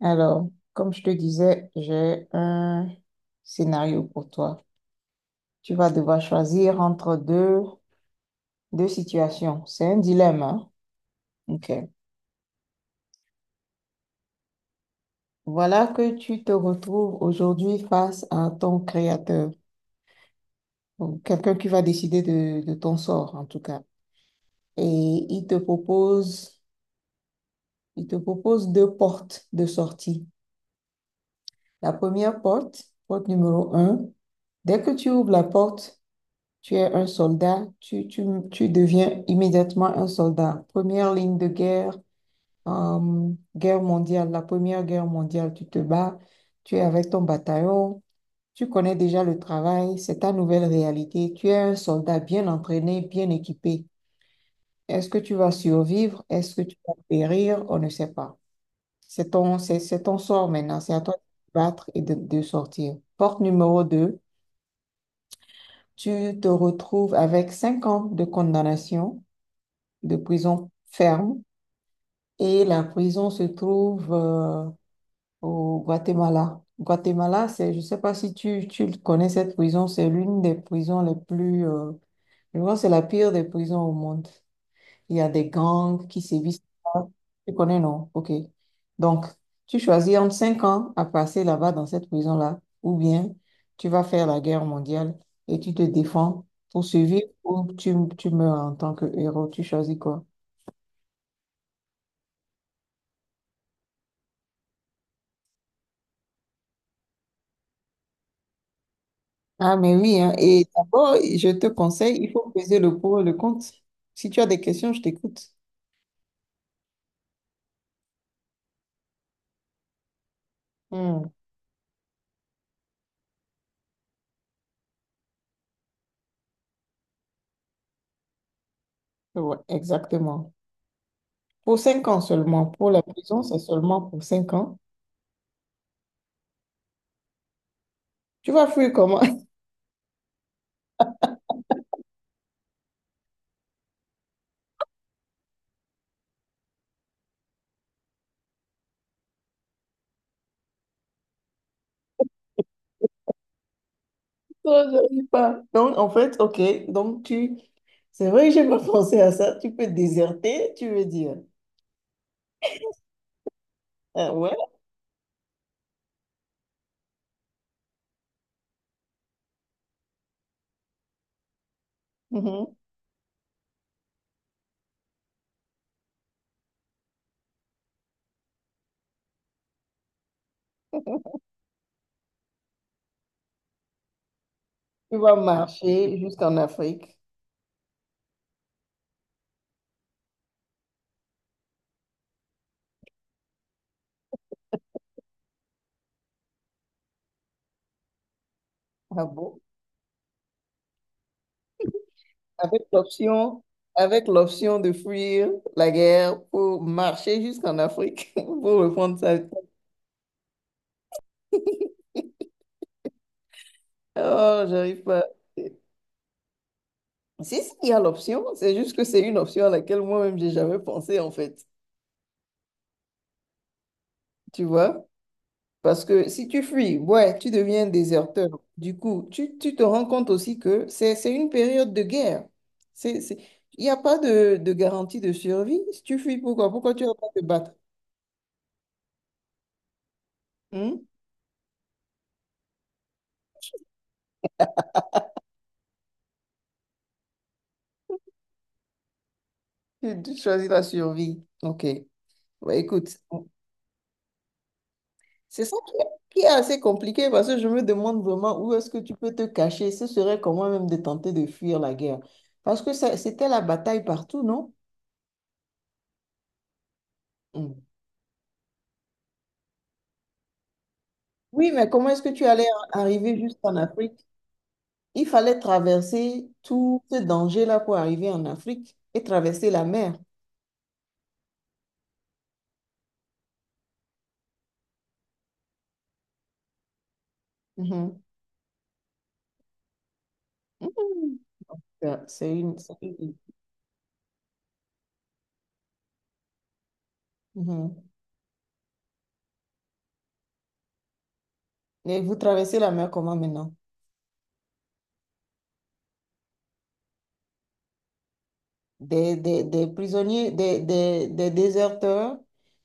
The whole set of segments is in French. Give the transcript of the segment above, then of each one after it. Alors, comme je te disais, j'ai un scénario pour toi. Tu vas devoir choisir entre deux situations. C'est un dilemme, hein? OK. Voilà que tu te retrouves aujourd'hui face à ton créateur, ou quelqu'un qui va décider de ton sort, en tout cas. Et il te propose deux portes de sortie. La première porte, porte numéro un, dès que tu ouvres la porte, tu es un soldat, tu deviens immédiatement un soldat. Première ligne de guerre, la Première Guerre mondiale, tu te bats, tu es avec ton bataillon, tu connais déjà le travail, c'est ta nouvelle réalité. Tu es un soldat bien entraîné, bien équipé. Est-ce que tu vas survivre? Est-ce que tu vas périr? On ne sait pas. C'est ton sort maintenant, c'est à toi de te battre et de sortir. Porte numéro 2. Tu te retrouves avec 5 ans de condamnation de prison ferme et la prison se trouve au Guatemala. Guatemala, c'est, je ne sais pas si tu connais cette prison, c'est l'une des prisons les plus, je crois que c'est la pire des prisons au monde. Il y a des gangs qui sévissent là. Tu connais, non? OK. Donc, tu choisis entre 5 ans à passer là-bas dans cette prison-là, ou bien tu vas faire la guerre mondiale et tu te défends pour survivre ou tu meurs en tant que héros. Tu choisis quoi? Ah, mais oui, hein. Et d'abord, je te conseille, il faut peser le pour et le contre. Si tu as des questions, je t'écoute. Hmm, ouais, exactement. Pour 5 ans seulement. Pour la prison, c'est seulement pour 5 ans. Tu vas fuir comment? Non, j'arrive pas. Donc, en fait, OK. Donc, tu... C'est vrai que j'ai pas pensé à ça. Tu peux déserter, tu veux dire. Ah ouais. Mhm. Tu vas marcher jusqu'en Afrique. Ah bon? avec l'option, avec l'option de fuir la guerre pour marcher jusqu'en Afrique pour reprendre sa vie. Oh, j'arrive pas. Si, si, il y a l'option, c'est juste que c'est une option à laquelle moi-même j'ai jamais pensé en fait, tu vois? Parce que si tu fuis, ouais, tu deviens déserteur. Du coup, tu te rends compte aussi que c'est une période de guerre. C'est, c'est... Il n'y a pas de garantie de survie. Si tu fuis, pourquoi? Pourquoi tu vas pas te battre? Hmm? Tu choisis la survie. OK. Ouais, écoute, c'est ça qui est assez compliqué parce que je me demande vraiment où est-ce que tu peux te cacher. Ce serait comment même de tenter de fuir la guerre. Parce que c'était la bataille partout, non? Mm. Oui, mais comment est-ce que tu allais arriver jusqu'en Afrique? Il fallait traverser tout ce danger-là pour arriver en Afrique et traverser la mer. Mhm. Mhm. Ça, c'est une- Mhm. Et vous traversez la mer comment maintenant? Des prisonniers, des déserteurs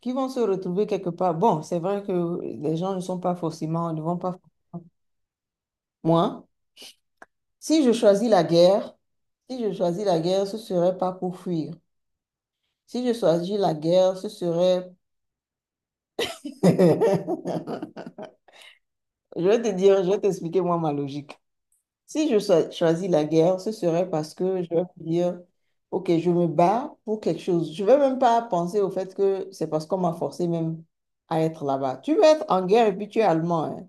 qui vont se retrouver quelque part. Bon, c'est vrai que les gens ne sont pas forcément, ne vont pas forcément. Moi, si je choisis la guerre, si je choisis la guerre, ce serait pas pour fuir. Si je choisis la guerre, ce serait... Je vais te dire, je vais t'expliquer moi ma logique. Si je choisis la guerre, ce serait parce que je vais me dire, OK, je me bats pour quelque chose. Je ne vais même pas penser au fait que c'est parce qu'on m'a forcé même à être là-bas. Tu peux être en guerre et puis tu es allemand, hein.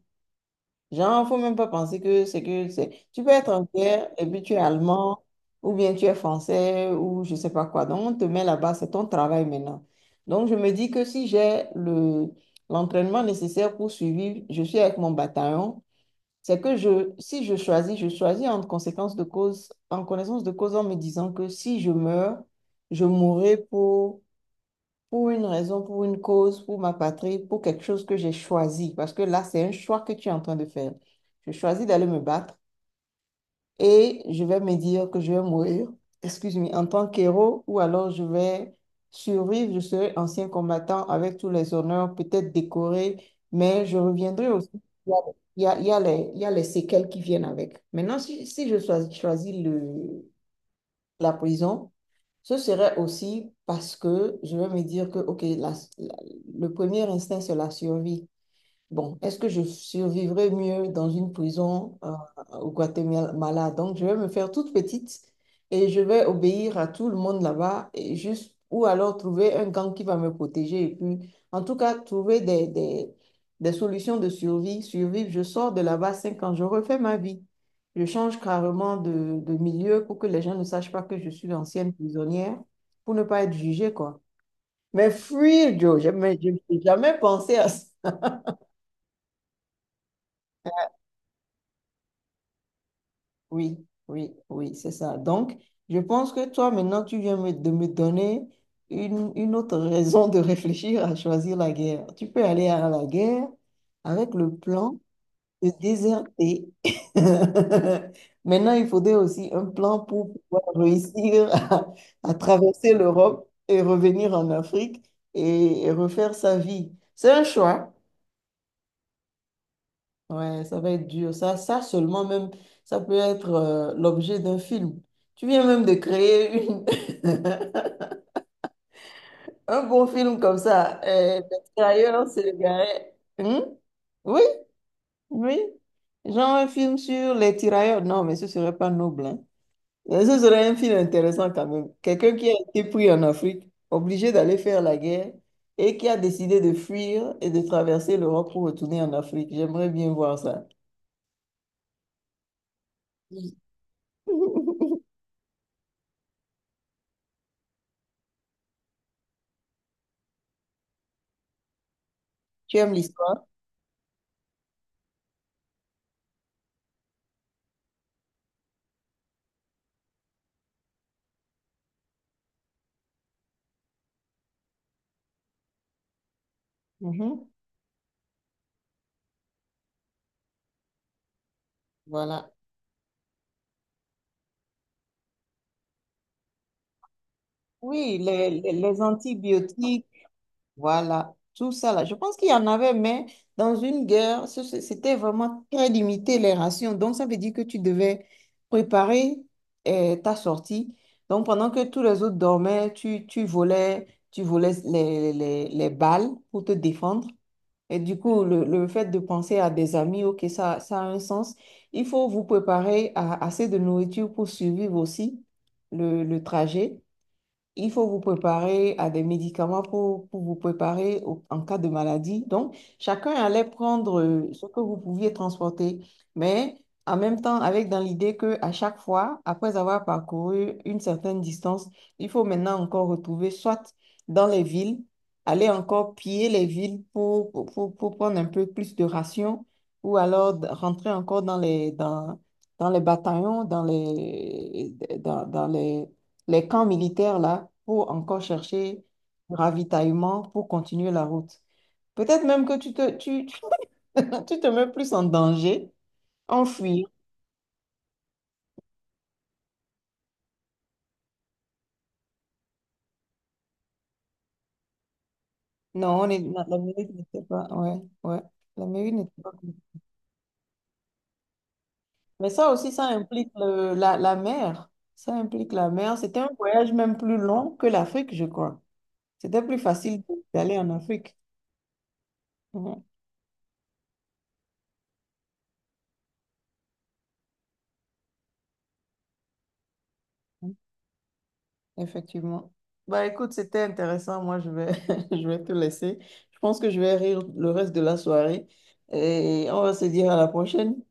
Genre, il ne faut même pas penser Tu peux être en guerre et puis tu es allemand ou bien tu es français ou je ne sais pas quoi. Donc, on te met là-bas, c'est ton travail maintenant. Donc, je me dis que si j'ai l'entraînement nécessaire pour suivre, je suis avec mon bataillon. C'est que si je choisis, je choisis en conséquence de cause, en connaissance de cause en me disant que si je meurs, je mourrai pour une raison, pour une cause, pour ma patrie, pour quelque chose que j'ai choisi. Parce que là, c'est un choix que tu es en train de faire. Je choisis d'aller me battre et je vais me dire que je vais mourir, excuse-moi, en tant qu'héros, ou alors je vais survivre, je serai ancien combattant avec tous les honneurs, peut-être décoré, mais je reviendrai aussi. Il y a les séquelles qui viennent avec. Maintenant, si je choisis la prison, ce serait aussi parce que je vais me dire que, OK, le premier instinct, c'est la survie. Bon, est-ce que je survivrai mieux dans une prison au Guatemala? Donc, je vais me faire toute petite et je vais obéir à tout le monde là-bas et juste ou alors trouver un gang qui va me protéger et puis, en tout cas, trouver des solutions de survie, survivre. Je sors de là-bas 5 ans, je refais ma vie. Je change carrément de milieu pour que les gens ne sachent pas que je suis l'ancienne prisonnière pour ne pas être jugée, quoi. Mais fuir, Joe, je n'ai jamais pensé à ça. Oui, oui, oui, c'est ça. Donc, je pense que toi, maintenant, de me donner une autre raison de réfléchir à choisir la guerre. Tu peux aller à la guerre avec le plan de déserter. Maintenant, il faudrait aussi un plan pour pouvoir réussir à traverser l'Europe et revenir en Afrique et refaire sa vie. C'est un choix. Ouais, ça va être dur. Ça seulement même, ça peut être l'objet d'un film. Tu viens même de créer une... un bon film comme ça. L'extérieur, c'est le garet. Hum? Oui, oui. Genre un film sur les tirailleurs. Non, mais ce serait pas noble, hein. Mais ce serait un film intéressant quand même. Quelqu'un qui a été pris en Afrique, obligé d'aller faire la guerre et qui a décidé de fuir et de traverser l'Europe pour retourner en Afrique. J'aimerais bien voir ça. Tu aimes l'histoire? Mhm. Voilà. Oui, les antibiotiques, voilà, tout ça là. Je pense qu'il y en avait, mais dans une guerre, c'était vraiment très limité les rations. Donc, ça veut dire que tu devais préparer ta sortie. Donc, pendant que tous les autres dormaient, tu volais, tu volais les balles pour te défendre. Et du coup, le fait de penser à des amis, ok, ça a un sens. Il faut vous préparer à assez de nourriture pour survivre aussi le trajet. Il faut vous préparer à des médicaments pour vous préparer en cas de maladie. Donc, chacun allait prendre ce que vous pouviez transporter, mais en même temps, avec dans l'idée que à chaque fois, après avoir parcouru une certaine distance, il faut maintenant encore retrouver soit dans les villes, aller encore piller les villes pour prendre un peu plus de rations, ou alors rentrer encore dans les bataillons, dans les, dans, dans les camps militaires là pour encore chercher du ravitaillement pour continuer la route. Peut-être même que tu te mets plus en danger, en fuir. Non, on est, la mairie n'était pas. Ouais, ouais. La mairie n'était pas cool. Mais ça aussi, ça implique la mer. Ça implique la mer. C'était un voyage même plus long que l'Afrique, je crois. C'était plus facile d'aller en Afrique. Ouais. Effectivement. Bah écoute, c'était intéressant. Moi, je vais, je vais te laisser. Je pense que je vais rire le reste de la soirée et on va se dire à la prochaine.